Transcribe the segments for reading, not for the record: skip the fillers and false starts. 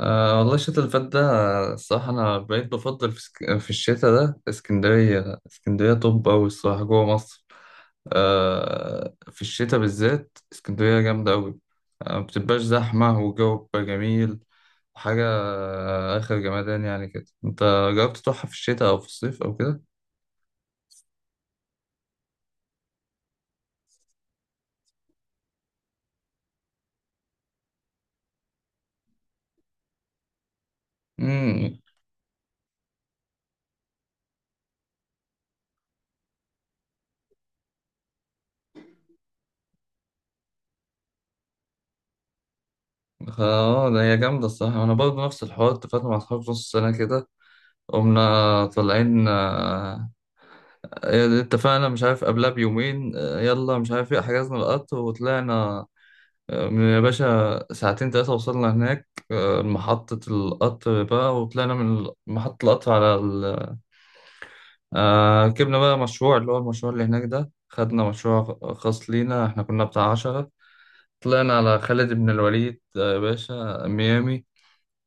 أه والله الشتاء اللي فات ده، الصراحة أنا بقيت بفضل في الشتاء ده اسكندرية اسكندرية. طب أوي الصراحة جوه مصر. أه، في الشتاء بالذات اسكندرية جامدة أوي. أه، مبتبقاش زحمة والجو بيبقى جميل. حاجة آخر جمدان يعني كده. أنت جربت تروحها في الشتاء أو في الصيف أو كده؟ امم. اه، ده هي جامدة الصراحة. أنا برضه نفس الحوار، اتفقنا مع أصحابي في نص السنة كده، قمنا طالعين. آه، إيه، اتفقنا مش عارف قبلها بيومين، يلا مش عارف ايه، حجزنا القطر وطلعنا. من يا باشا ساعتين تلاتة وصلنا هناك. محطة القطر بقى، وطلعنا من محطة القطر على ال... آه، ركبنا بقى مشروع، اللي هو المشروع اللي هناك ده، خدنا مشروع خاص لينا، احنا كنا بتاع 10. طلعنا على خالد بن الوليد، يا باشا ميامي.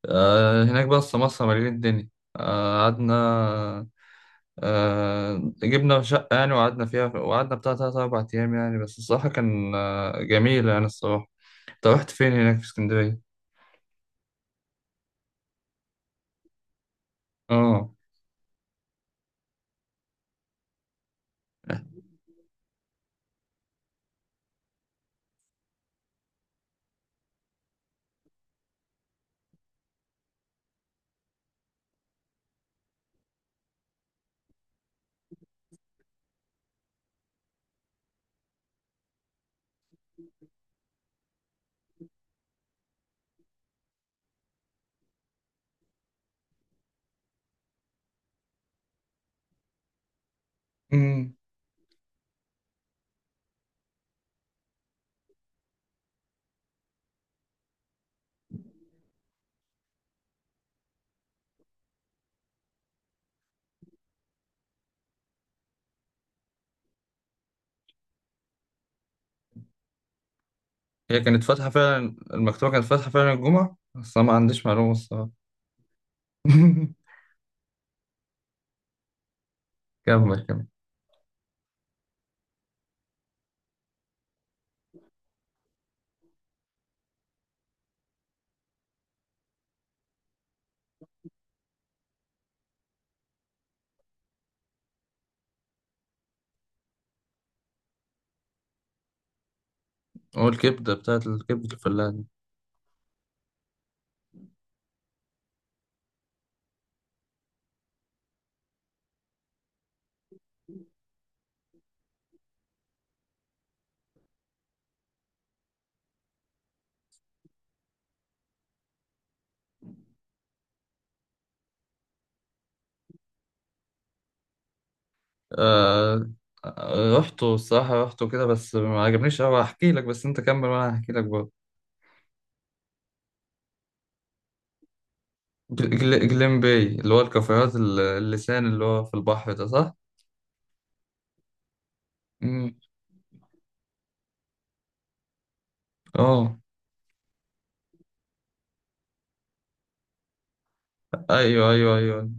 هناك بقى السماسرة مليان الدنيا. قعدنا. آه، جبنا شقة يعني وقعدنا فيها، وقعدنا بتاع تلات أربع أيام يعني. بس الصراحة كان جميل يعني الصراحة. أنت رحت فين هناك في اسكندرية؟ آه. امم. هي كانت فاتحة فعلا، المكتبة كانت فاتحة فعلا الجمعة، بس أنا ما عنديش معلومة الصراحة. كمل كمل. والكبدة بتاعت الكبدة الفلاح دي. آه آه، رحته الصراحة، رحته كده بس ما عجبنيش أوي. هحكي لك، بس أنت كمل وأنا هحكي لك برضه. جليم باي، اللي هو الكافيهات اللسان اللي هو في البحر ده، صح؟ امم. اه. ايوه ايوه ايوه.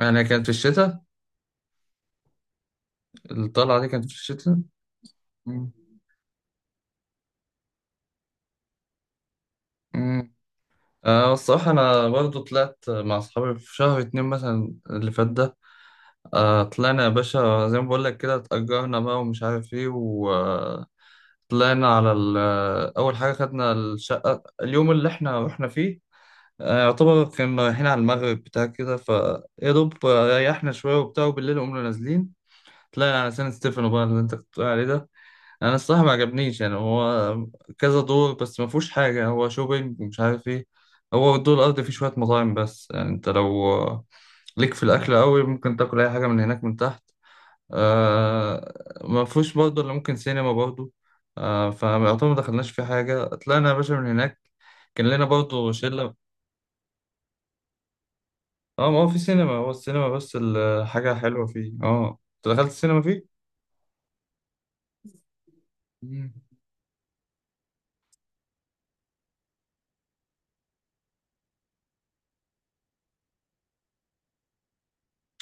يعني كانت في الشتاء؟ الطلعه دي كانت في الشتاء؟ مم. مم. آه، الصراحه انا برضو طلعت مع اصحابي في شهر 2 مثلا اللي فات ده. آه، طلعنا يا باشا زي ما بقول لك كده، اتأجرنا بقى ومش عارف ايه وطلعنا على اول حاجه خدنا الشقه اليوم اللي احنا رحنا فيه. آه، يعتبر كنا رايحين على المغرب بتاع كده، فيا دوب ريحنا شويه وبتاع، وبالليل قمنا نازلين، طلعنا على سان ستيفانو بقى اللي انت كنت بتقول عليه ده. انا الصراحه ما عجبنيش يعني. هو كذا دور بس ما فيهوش حاجه، هو شوبينج ومش عارف ايه. هو الدور الارضي فيه شويه مطاعم، بس يعني انت لو ليك في الاكل قوي، ممكن تاكل اي حاجه من هناك من تحت. آه. ما فيهوش برضه الا ممكن سينما برضه. آه، فيعتبر ما دخلناش في حاجه، طلعنا يا باشا من هناك. كان لنا برضه شله. اه، ما هو في سينما، هو السينما بس الحاجه حلوه فيه. اه، انت دخلت السينما فيه؟ مم.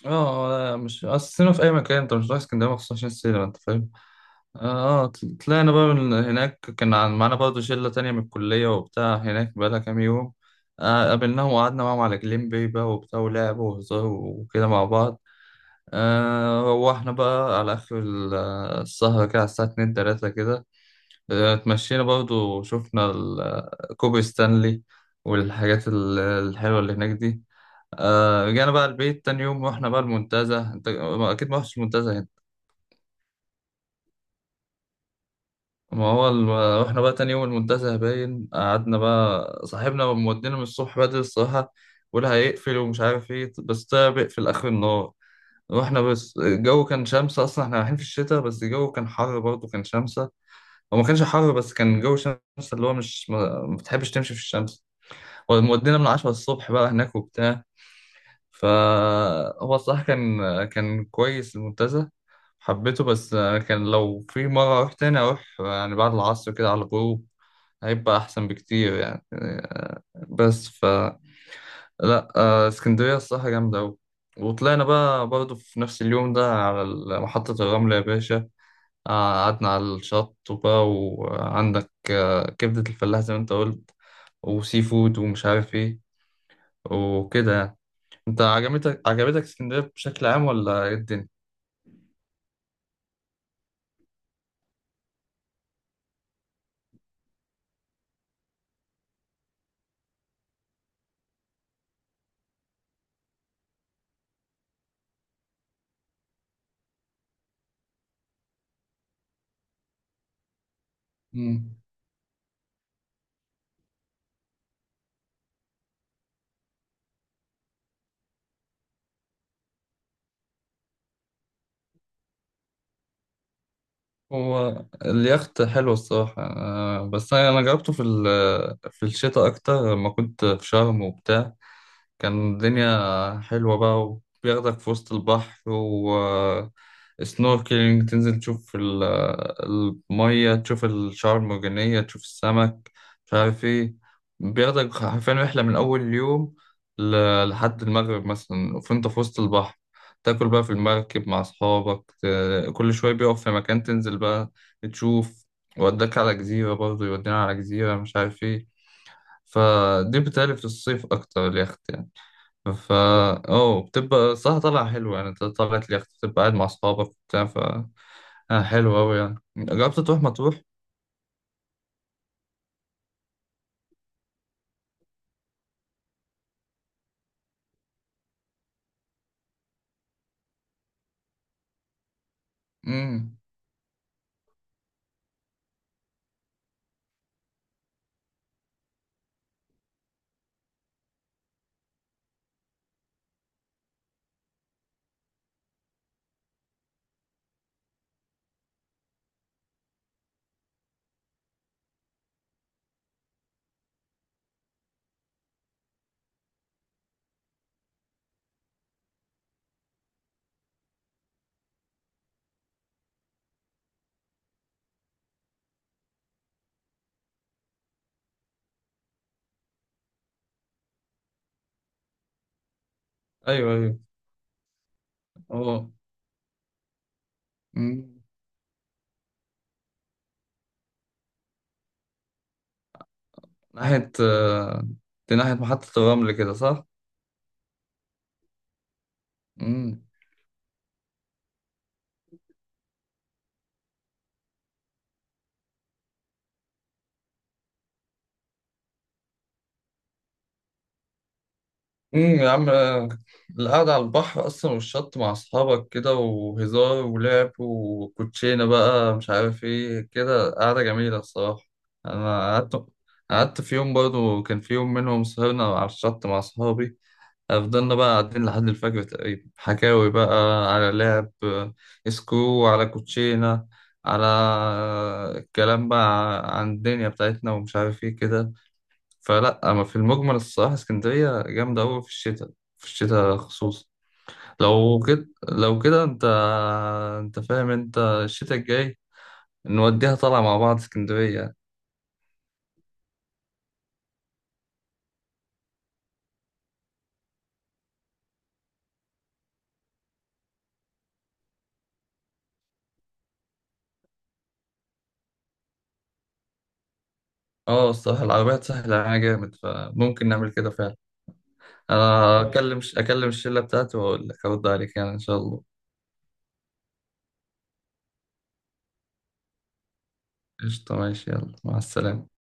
اه، لا مش اصل السينما في اي مكان، انت مش رايح اسكندريه مخصوص عشان السينما، انت فاهم. اه، طلعنا بقى من هناك. كان معانا برضه شلة تانية من الكلية وبتاع، هناك بقالها كام يوم. آه، قابلناهم وقعدنا معاهم على جليم باي بقى وبتاع، ولعب وهزار وكده مع بعض. آه، روحنا بقى على آخر السهرة كده، على الساعة اتنين تلاتة كده. آه، اتمشينا برضه، شفنا كوبري ستانلي، والحاجات الحلوة اللي هناك دي. آه، رجعنا بقى البيت. تاني يوم رحنا بقى المنتزه. انت اكيد ما رحتش المنتزه. ما هو ال... واحنا بقى تاني يوم المنتزه باين، قعدنا بقى، صاحبنا مودينا من الصبح بدري الصراحة، ولا هيقفل ومش عارف ايه، بس طلع بيقفل آخر النهار. واحنا بس الجو كان شمسة، أصلا احنا رايحين في الشتاء، بس الجو كان حر برضه، كان شمسة. هو ما كانش حر بس كان جو شمسة، اللي هو مش ما بتحبش تمشي في الشمس. ومودينا من 10 الصبح بقى هناك وبتاع. فهو الصراحة كان كويس المنتزه. حبيته. بس كان لو في مرة أروح تاني، أروح يعني بعد العصر كده على الغروب، هيبقى أحسن بكتير يعني. بس. لا، اسكندرية الصراحة جامدة أوي. وطلعنا بقى برضه في نفس اليوم ده على محطة الرمل يا باشا. قعدنا على الشط وبقى وعندك كبدة الفلاح زي ما أنت قلت، وسي فود ومش عارف إيه وكده يعني. انت عجبتك اسكندريه بشكل عام ولا ايه الدنيا؟ مم. هو اليخت حلو الصراحه، بس أنا جربته في في الشتاء اكتر لما كنت في شرم وبتاع، كان الدنيا حلوة بقى، وبياخدك في وسط البحر، و سنوركلينج تنزل تشوف المية، تشوف الشعاب المرجانية، تشوف السمك، مش عارف ايه. بياخدك حرفيا رحلة من أول يوم لحد المغرب مثلا، فانت في وسط البحر، تاكل بقى في المركب مع أصحابك، كل شوية بيقف في مكان تنزل بقى تشوف، وداك على جزيرة برضه، يودينا على جزيرة مش عارف ايه. فدي بتالي في الصيف أكتر اليخت يعني. فا اه، بتبقى صح طالعة حلوة يعني، انت طلعت لي بتبقى قاعد مع أصحابك بتاع. ف حلو أوي يعني. جربت تروح مطروح؟ امم. أيوه أيوه. اه. أمم. ناحية آه، دي ناحية محطة الرمل كده، صح؟ يا عم. القعدة على البحر أصلا والشط مع أصحابك كده، وهزار ولعب وكوتشينة بقى مش عارف إيه، كده قعدة جميلة الصراحة. أنا قعدت في يوم برضه، كان في يوم منهم سهرنا على الشط مع أصحابي، فضلنا بقى قاعدين لحد الفجر تقريبا، حكاوي بقى، على لعب، سكرو على كوتشينة، على الكلام بقى عن الدنيا بتاعتنا ومش عارف إيه كده. فلا اما في المجمل الصراحه اسكندريه جامده قوي في الشتاء، في الشتاء خصوصا. لو كده، لو كده انت فاهم، انت الشتاء الجاي نوديها طالعه مع بعض اسكندريه. اه، الصراحه العربيات سهله علينا جامد، فممكن نعمل كده فعلا. انا خلاص اكلم الشله بتاعتي واقول لك، ارد عليك يعني ان شاء الله. قشطه ماشي، يلا مع السلامه.